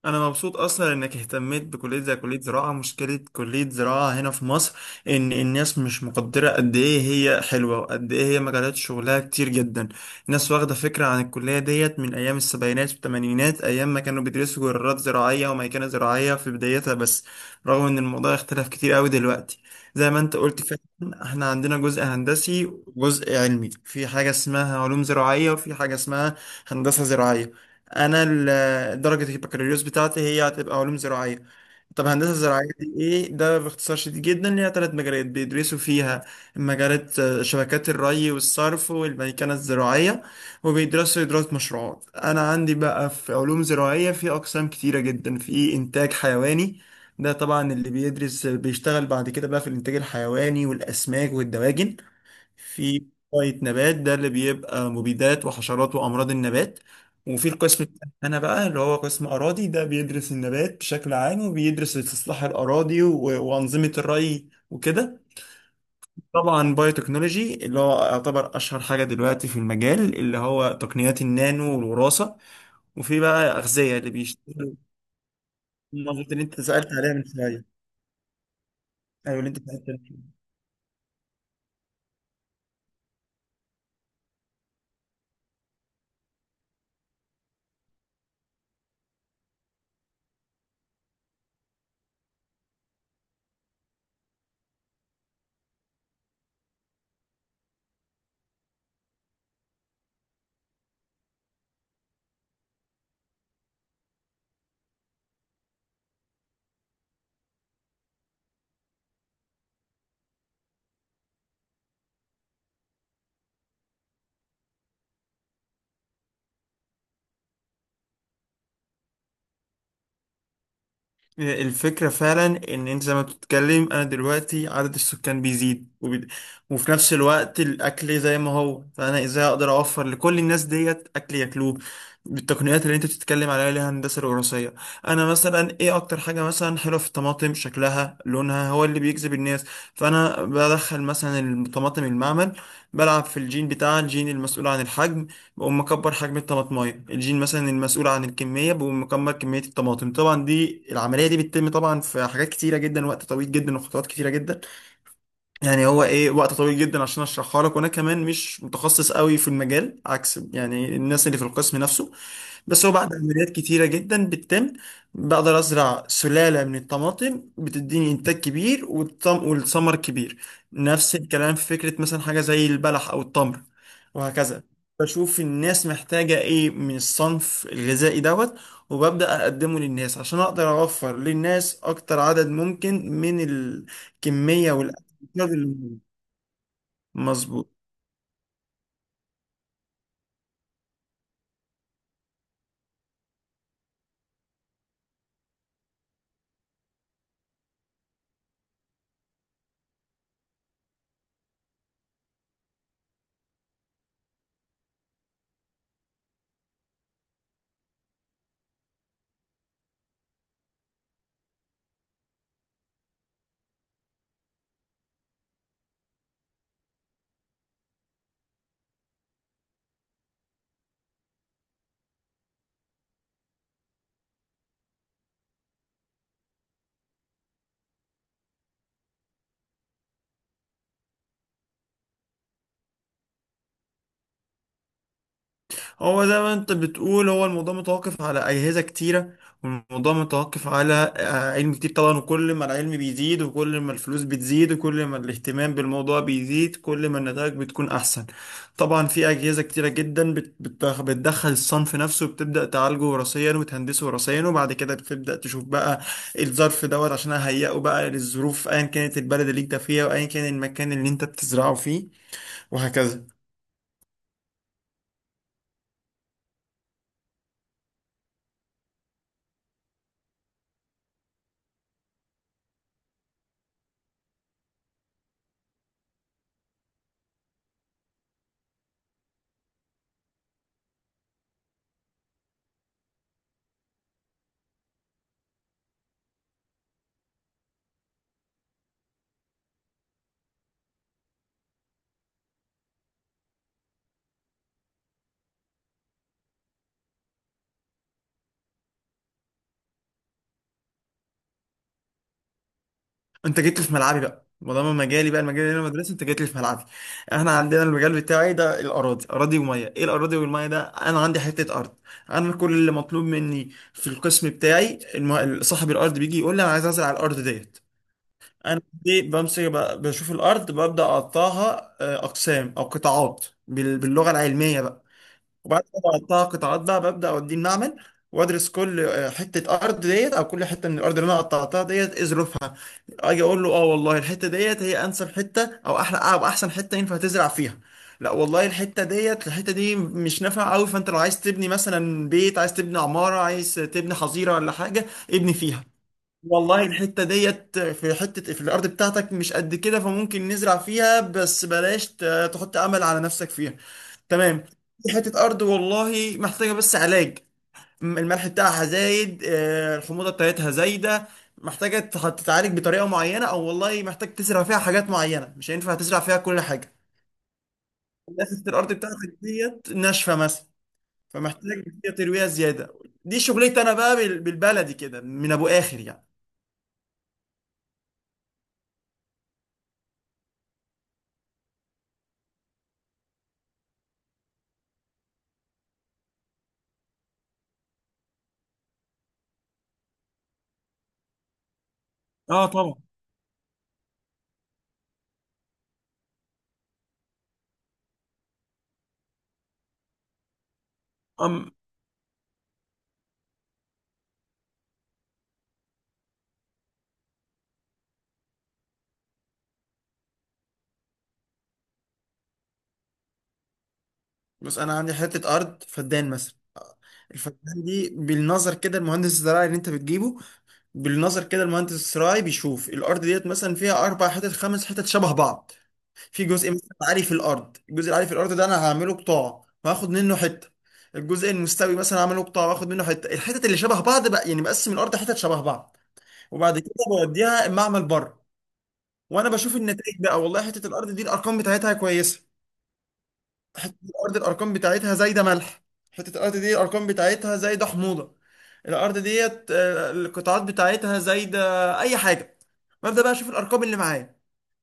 انا مبسوط اصلا انك اهتميت بكليه زي كليه زراعه. مشكله كليه زراعه هنا في مصر ان الناس مش مقدره قد ايه هي حلوه وقد ايه هي مجالات شغلها كتير جدا. الناس واخده فكره عن الكليه ديت من ايام السبعينات والثمانينات، ايام ما كانوا بيدرسوا جرارات زراعيه وميكنه زراعيه في بدايتها بس، رغم ان الموضوع اختلف كتير قوي دلوقتي. زي ما انت قلت فعلا احنا عندنا جزء هندسي وجزء علمي، في حاجه اسمها علوم زراعيه وفي حاجه اسمها هندسه زراعيه. انا درجة البكالوريوس بتاعتي هي هتبقى علوم زراعية. طب هندسة زراعية دي ايه؟ ده باختصار شديد جدا ليها ثلاث مجالات بيدرسوا فيها. مجالات، شبكات الري والصرف والميكنة الزراعية، وبيدرسوا إدارة مشروعات. أنا عندي بقى في علوم زراعية في أقسام كتيرة جدا. في إنتاج حيواني، ده طبعا اللي بيدرس بيشتغل بعد كده بقى في الإنتاج الحيواني والأسماك والدواجن. في شوية نبات، ده اللي بيبقى مبيدات وحشرات وأمراض النبات. وفي القسم التاني أنا بقى اللي هو قسم أراضي، ده بيدرس النبات بشكل عام وبيدرس استصلاح الأراضي و- وأنظمة الري وكده. طبعا بايوتكنولوجي اللي هو يعتبر أشهر حاجة دلوقتي في المجال، اللي هو تقنيات النانو والوراثة. وفي بقى أغذية اللي بيشتغلوا المنظومات اللي أنت سألت عليها من شوية. أيوة اللي أنت سألت عليها. الفكرة فعلا إن أنت زي ما بتتكلم، أنا دلوقتي عدد السكان بيزيد وفي نفس الوقت الأكل زي ما هو، فأنا إزاي أقدر أوفر لكل الناس ديت أكل ياكلوه بالتقنيات اللي أنت بتتكلم عليها اللي هي الهندسة الوراثية. أنا مثلا إيه أكتر حاجة مثلا حلوة في الطماطم؟ شكلها لونها هو اللي بيجذب الناس. فأنا بدخل مثلا الطماطم المعمل، بلعب في الجين بتاع الجين المسؤول عن الحجم، بقوم مكبر حجم الطماطمايه الجين مثلا المسؤول عن الكميه، بقوم مكبر كميه الطماطم. طبعا دي العمليه دي بتتم طبعا في حاجات كتيره جدا، وقت طويل جدا وخطوات كتيره جدا. يعني هو ايه؟ وقت طويل جدا عشان اشرحها لك، وانا كمان مش متخصص قوي في المجال عكس يعني الناس اللي في القسم نفسه. بس هو بعد عمليات كتيرة جدا بتتم بقدر أزرع سلالة من الطماطم بتديني إنتاج كبير والطم والثمر كبير. نفس الكلام في فكرة مثلا حاجة زي البلح أو التمر، وهكذا. بشوف الناس محتاجة إيه من الصنف الغذائي دوت، وببدأ أقدمه للناس عشان أقدر أوفر للناس أكتر عدد ممكن من الكمية. ده اللي- مظبوط. هو زي ما انت بتقول هو الموضوع متوقف على اجهزه كتيره، والموضوع متوقف على علم كتير طبعا، وكل ما العلم بيزيد وكل ما الفلوس بتزيد وكل ما الاهتمام بالموضوع بيزيد كل ما النتائج بتكون احسن. طبعا في اجهزه كتيره جدا بتدخل الصنف نفسه وبتبدا تعالجه وراثيا وتهندسه وراثيا، وبعد كده بتبدا تشوف بقى الظرف دوت عشان اهيئه بقى للظروف ايا كانت البلد اللي انت فيها وايا كان المكان اللي انت بتزرعه فيه، وهكذا. انت جيت لي في ملعبي بقى، ما دام مجالي بقى المجال اللي انا مدرسه، انت جيت لي في ملعبي. احنا عندنا المجال بتاعي ده الاراضي، اراضي وميه. ايه الاراضي والميه ده؟ انا عندي حته ارض، انا كل اللي مطلوب مني في القسم بتاعي صاحب الارض بيجي يقول لي انا عايز ازرع الارض ديت. انا دي بمسك بشوف الارض، ببدا اقطعها اقسام او قطاعات باللغه العلميه بقى. وبعد ما اقطعها قطاعات بقى ببدا اوديه المعمل، وادرس كل حته ارض ديت او كل حته من الارض اللي انا قطعتها ديت ايه ظروفها. اجي اقول له اه، والله الحته ديت هي انسب حته او احلى او احسن حته ينفع تزرع فيها. لا والله الحته ديت الحته دي مش نافعه قوي، فانت لو عايز تبني مثلا بيت، عايز تبني عماره، عايز تبني حظيره ولا حاجه ابني فيها. والله الحته ديت في حته في الارض بتاعتك مش قد كده، فممكن نزرع فيها بس بلاش تحط امل على نفسك فيها. تمام. في حته ارض والله محتاجه بس علاج، الملح بتاعها زايد، الحموضه بتاعتها زايده، محتاجه تتعالج بطريقه معينه، او والله محتاج تزرع فيها حاجات معينه مش هينفع تزرع فيها كل حاجه. حته الارض بتاعتك ديت ناشفه مثلا، فمحتاج فيها ترويها زياده. دي شغلتي انا بقى بالبلدي كده من ابو اخر يعني. اه طبعا. أم بس انا عندي حته ارض فدان مثلا، الفدان دي بالنظر كده المهندس الزراعي اللي انت بتجيبه، بالنظر كده المهندس الزراعي بيشوف الارض ديت مثلا فيها اربع حتت خمس حتت شبه بعض. في جزء مثلا عالي في الارض، الجزء العالي في الارض ده انا هعمله قطاع وهاخد منه حته، الجزء المستوي مثلا هعمله قطاع واخد منه حته. الحتت اللي شبه بعض بقى، يعني بقسم الارض حتت شبه بعض، وبعد كده بوديها المعمل بره. وانا بشوف النتائج بقى، والله حته الارض دي الارقام بتاعتها كويسه، حته الارض الارقام بتاعتها زايده ملح، حته الارض دي الارقام بتاعتها زايده حموضه، الارض ديت القطاعات بتاعتها زايده اي حاجه. ببدا بقى اشوف الارقام اللي معايا.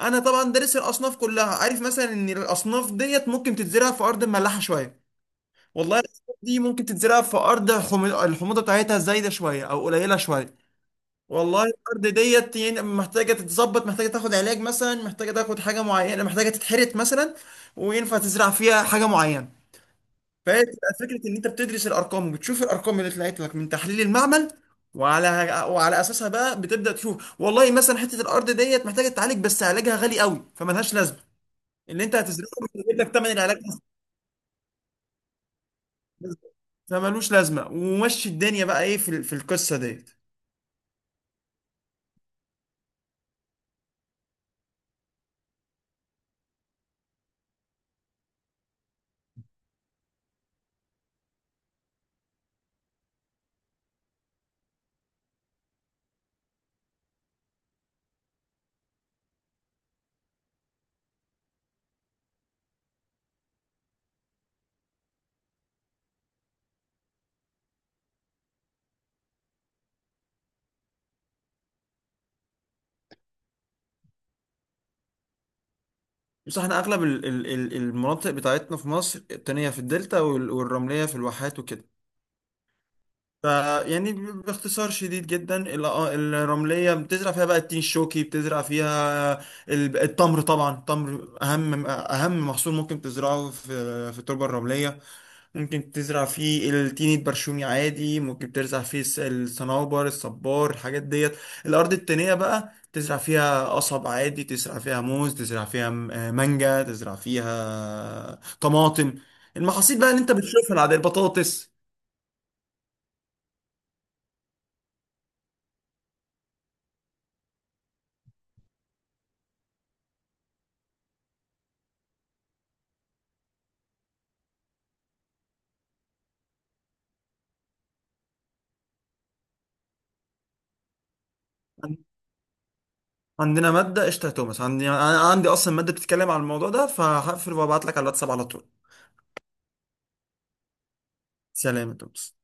انا طبعا دارس الاصناف كلها، عارف مثلا ان الاصناف ديت ممكن تتزرع في ارض مملحه شويه، والله الاصناف دي ممكن تتزرع في ارض الحموضه بتاعتها زايده شويه او قليله شويه، والله الارض ديت يعني محتاجه تتظبط، محتاجه تاخد علاج مثلا، محتاجه تاخد حاجه معينه، محتاجه تتحرث مثلا، وينفع تزرع فيها حاجه معينه. فتبقى فكره ان انت بتدرس الارقام وبتشوف الارقام اللي طلعت لك من تحليل المعمل، وعلى وعلى اساسها بقى بتبدا تشوف والله مثلا حته الارض ديت محتاجه تعالج بس علاجها غالي قوي فملهاش لازمه. اللي انت هتزرعه مش هيجيب لك ثمن العلاج أصلاً، فملوش لازمه، ومشي الدنيا بقى ايه في في القصه ديت. بس احنا اغلب المناطق بتاعتنا في مصر التانية في الدلتا والرملية في الواحات وكده. ف يعني باختصار شديد جدا الرملية بتزرع فيها بقى التين الشوكي، بتزرع فيها التمر، طبعا التمر أهم أهم محصول ممكن تزرعه في في التربة الرملية. ممكن تزرع فيه التين البرشومي عادي، ممكن تزرع فيه الصنوبر، الصبار، الحاجات ديت. الأرض التانية بقى تزرع فيها قصب عادي، تزرع فيها موز، تزرع فيها مانجا، تزرع فيها طماطم، المحاصيل بقى اللي انت بتشوفها العادية البطاطس. عندنا مادة قشطة يا توماس، عندي أنا عندي أصلا مادة بتتكلم عن الموضوع ده، فهقفل وابعت لك على الواتساب على طول. سلام يا توماس.